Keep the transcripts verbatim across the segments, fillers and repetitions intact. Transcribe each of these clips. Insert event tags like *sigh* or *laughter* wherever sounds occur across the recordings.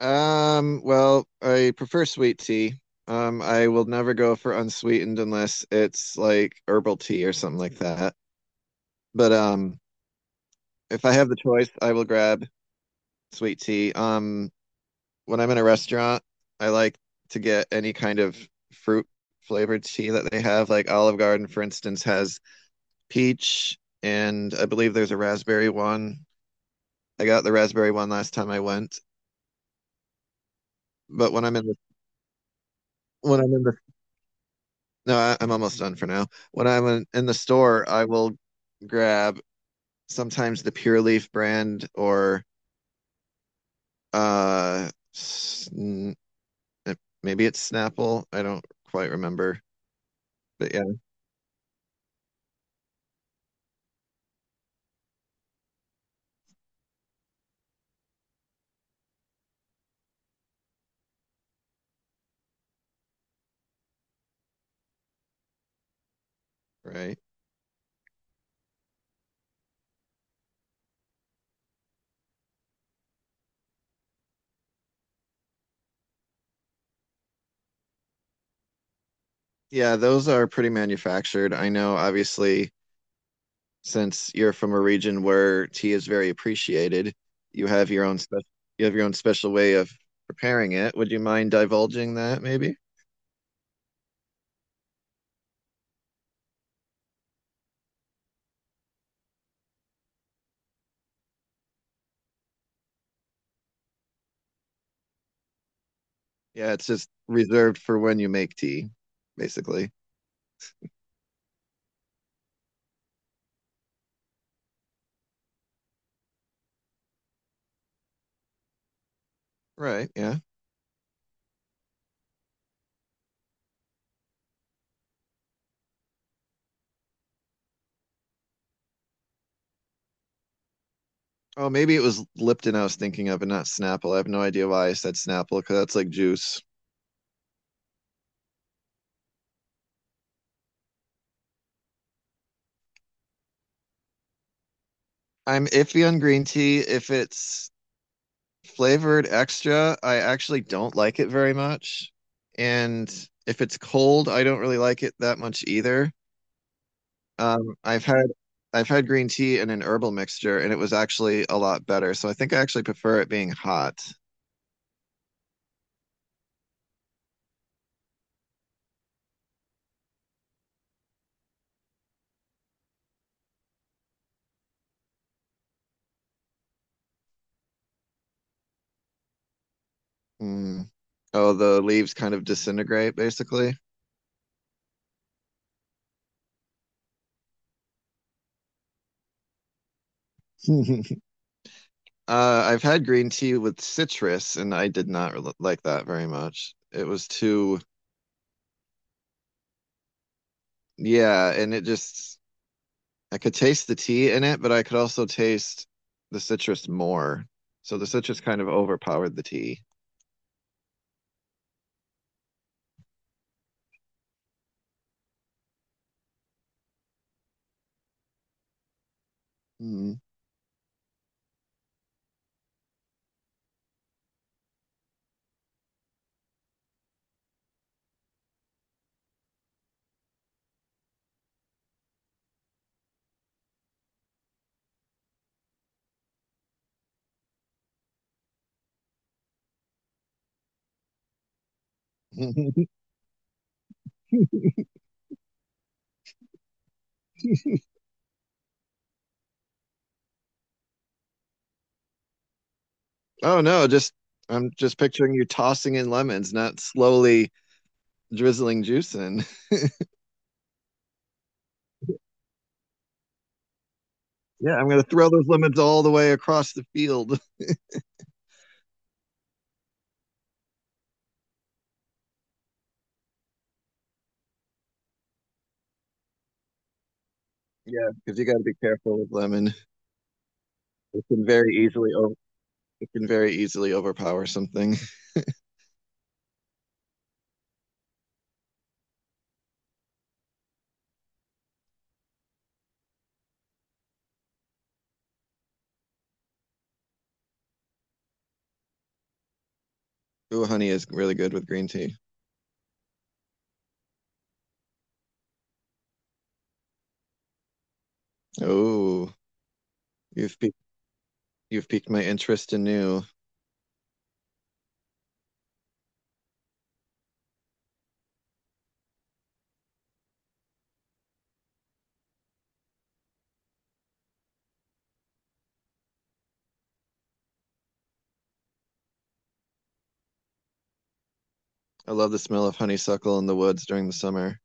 Um, well, I prefer sweet tea. Um, I will never go for unsweetened unless it's like herbal tea or something like that. But um, if I have the choice, I will grab sweet tea. Um, when I'm in a restaurant, I like to get any kind of fruit flavored tea that they have. Like Olive Garden, for instance, has peach, and I believe there's a raspberry one. I got the raspberry one last time I went. But when I'm in the when I'm in the No, I, I'm almost done for now. When I'm in, in the store, I will grab sometimes the Pure Leaf brand or uh sn uh, maybe it's Snapple. I don't quite remember. But yeah, right. Yeah, those are pretty manufactured. I know obviously since you're from a region where tea is very appreciated, you have your own special you have your own special way of preparing it. Would you mind divulging that maybe? Yeah, it's just reserved for when you make tea, basically. Right, yeah. Oh, maybe it was Lipton I was thinking of and not Snapple. I have no idea why I said Snapple because that's like juice. I'm iffy on green tea. If it's flavored extra, I actually don't like it very much. And if it's cold, I don't really like it that much either. Um, I've had I've had green tea in an herbal mixture and it was actually a lot better. So I think I actually prefer it being hot. Mm. Oh, the leaves kind of disintegrate basically. *laughs* Uh, I've had green tea with citrus, and I did not re- like that very much. It was too, yeah, and it just, I could taste the tea in it, but I could also taste the citrus more. So the citrus kind of overpowered the tea. Mm. *laughs* Oh no, just, I'm just picturing you tossing in lemons, not slowly drizzling juice in. *laughs* Yeah, I'm gonna throw those lemons all the way across the field. *laughs* Yeah, because you got to be careful with lemon. It can very easily It can very easily overpower something. Ooh, honey is really good with green tea. Oh, you've piqued, you've piqued my interest anew. I love the smell of honeysuckle in the woods during the summer.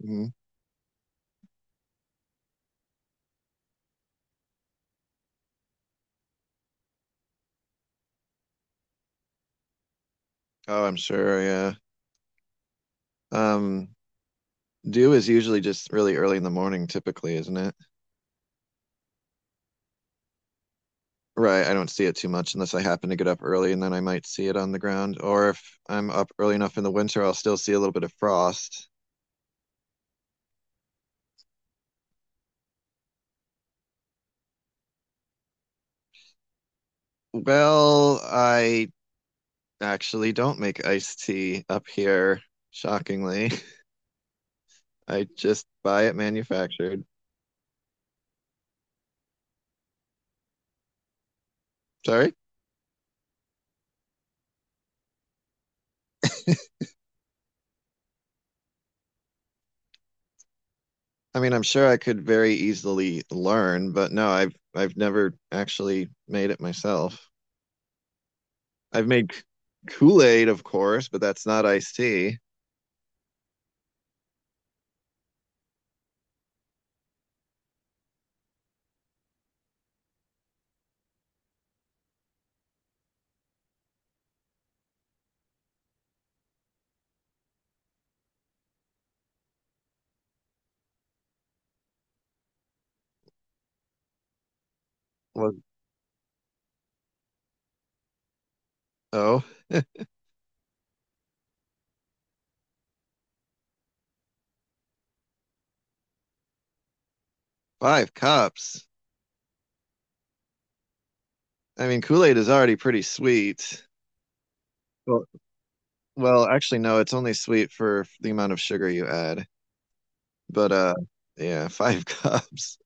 Hmm. Oh, I'm sure. Yeah. Um, dew is usually just really early in the morning, typically, isn't it? Right. I don't see it too much unless I happen to get up early and then I might see it on the ground. Or if I'm up early enough in the winter, I'll still see a little bit of frost. Well, I actually don't make iced tea up here, shockingly. I just buy it manufactured. Sorry? I mean, I'm sure I could very easily learn, but no, I've I've never actually made it myself. I've made K- Kool-Aid, of course, but that's not iced tea. Well, oh, *laughs* five cups. I mean, Kool-Aid is already pretty sweet. Well, well, actually, no, it's only sweet for the amount of sugar you add. But uh, yeah, five *laughs* cups.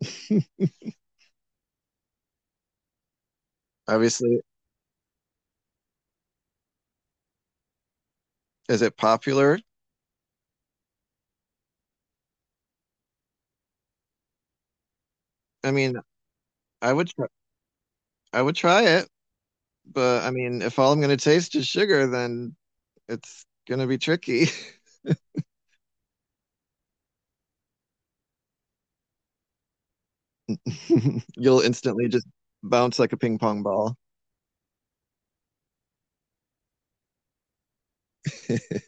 *laughs* Obviously, is it popular? I mean, I would tr I would try it. But I mean, if all I'm going to taste is sugar, then it's going to be tricky. *laughs* You'll instantly just bounce like a ping pong ball. *laughs*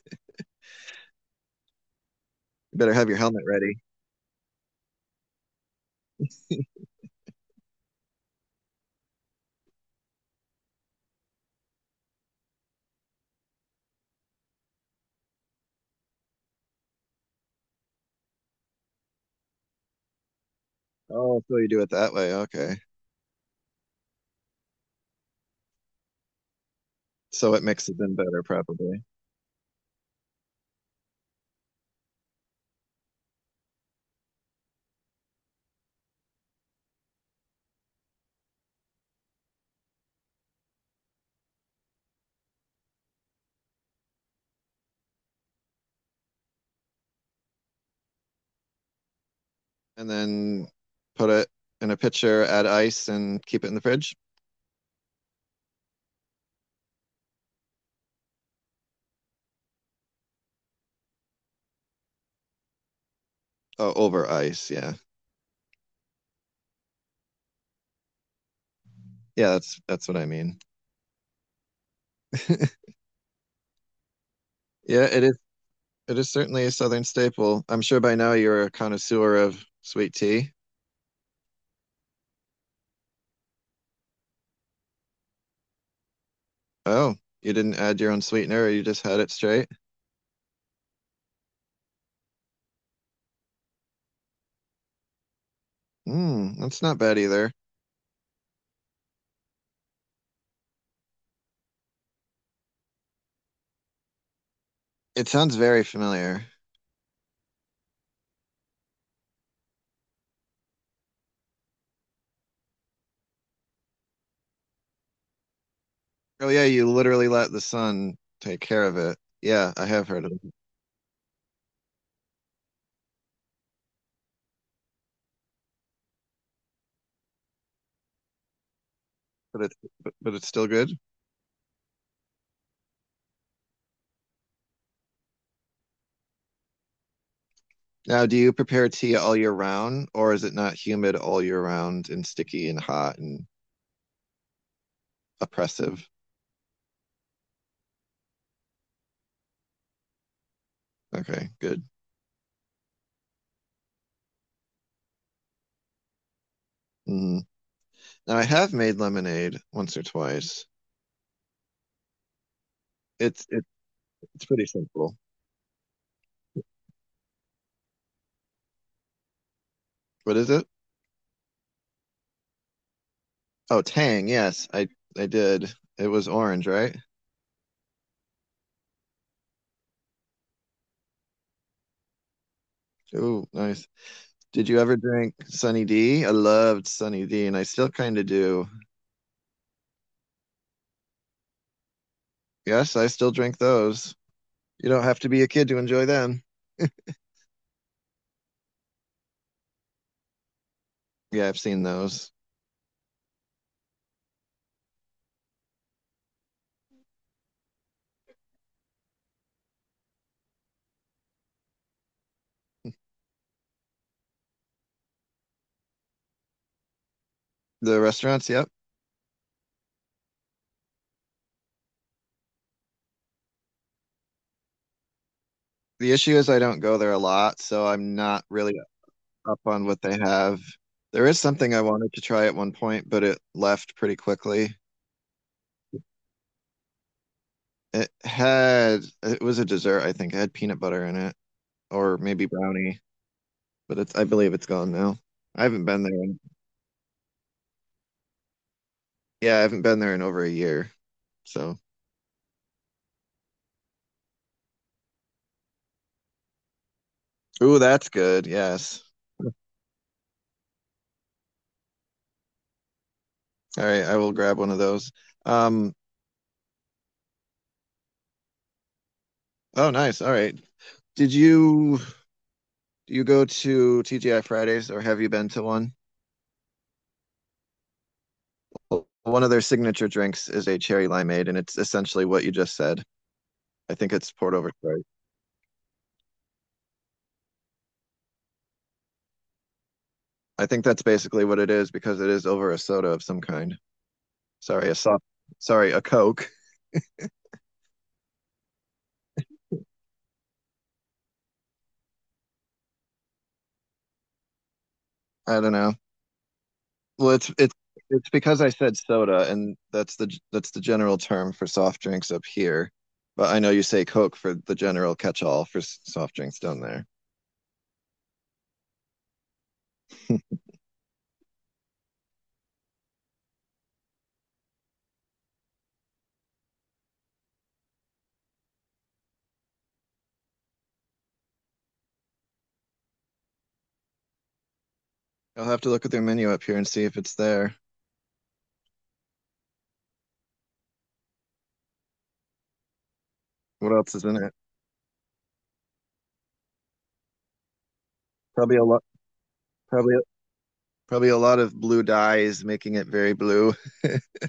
You better have your helmet ready. Oh, so you do it that way. Okay. So it mixes in better, probably. And then put it in a pitcher, add ice, and keep it in the fridge. Oh, over ice. Yeah. Yeah, that's that's what I mean. *laughs* Yeah, it is. It is certainly a southern staple. I'm sure by now you're a connoisseur of sweet tea. Oh, you didn't add your own sweetener, or you just had it straight? Hmm, that's not bad either. It sounds very familiar. Oh yeah, you literally let the sun take care of it. Yeah, I have heard of it, but it's but, but it's still good. Now, do you prepare tea all year round, or is it not humid all year round and sticky and hot and oppressive? Okay, good. Mm. Now, I have made lemonade once or twice. It's it's it's pretty simple. What is it? Oh, Tang. Yes, I I did. It was orange, right? Oh, nice. Did you ever drink Sunny D? I loved Sunny D, and I still kind of do. Yes, I still drink those. You don't have to be a kid to enjoy them. Yeah, I've seen those. The restaurants, yep. The issue is I don't go there a lot, so I'm not really up on what they have. There is something I wanted to try at one point, but it left pretty quickly. It had, it was a dessert, I think. It had peanut butter in it, or maybe brownie, but it's, I believe it's gone now. I haven't been there in, yeah, I haven't been there in over a year. So, ooh, that's good. Yes. All right, I will grab one of those. Um, oh, nice. All right. Did you do you go to T G I Fridays or have you been to one? Well, one of their signature drinks is a cherry limeade, and it's essentially what you just said. I think it's poured over Sprite. I think that's basically what it is because it is over a soda of some kind. Sorry, a soft, sorry, a Coke. I don't know. Well, it's it's it's because I said soda, and that's the that's the general term for soft drinks up here. But I know you say Coke for the general catch-all for s- soft drinks down there. I'll have to look at their menu up here and see if it's there. What else is in it? Probably a lot, probably probably a lot of blue dyes, making it very blue. *laughs*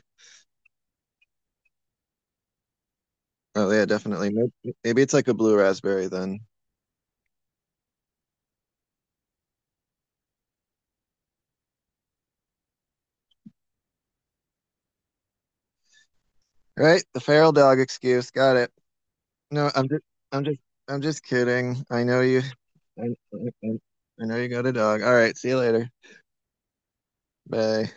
Oh yeah, definitely. Maybe, maybe it's like a blue raspberry then. Right, the feral dog excuse. Got it. No, I'm just, I'm just, I'm just kidding. I know you. I, I, I know you got a dog. All right, see you later. Bye.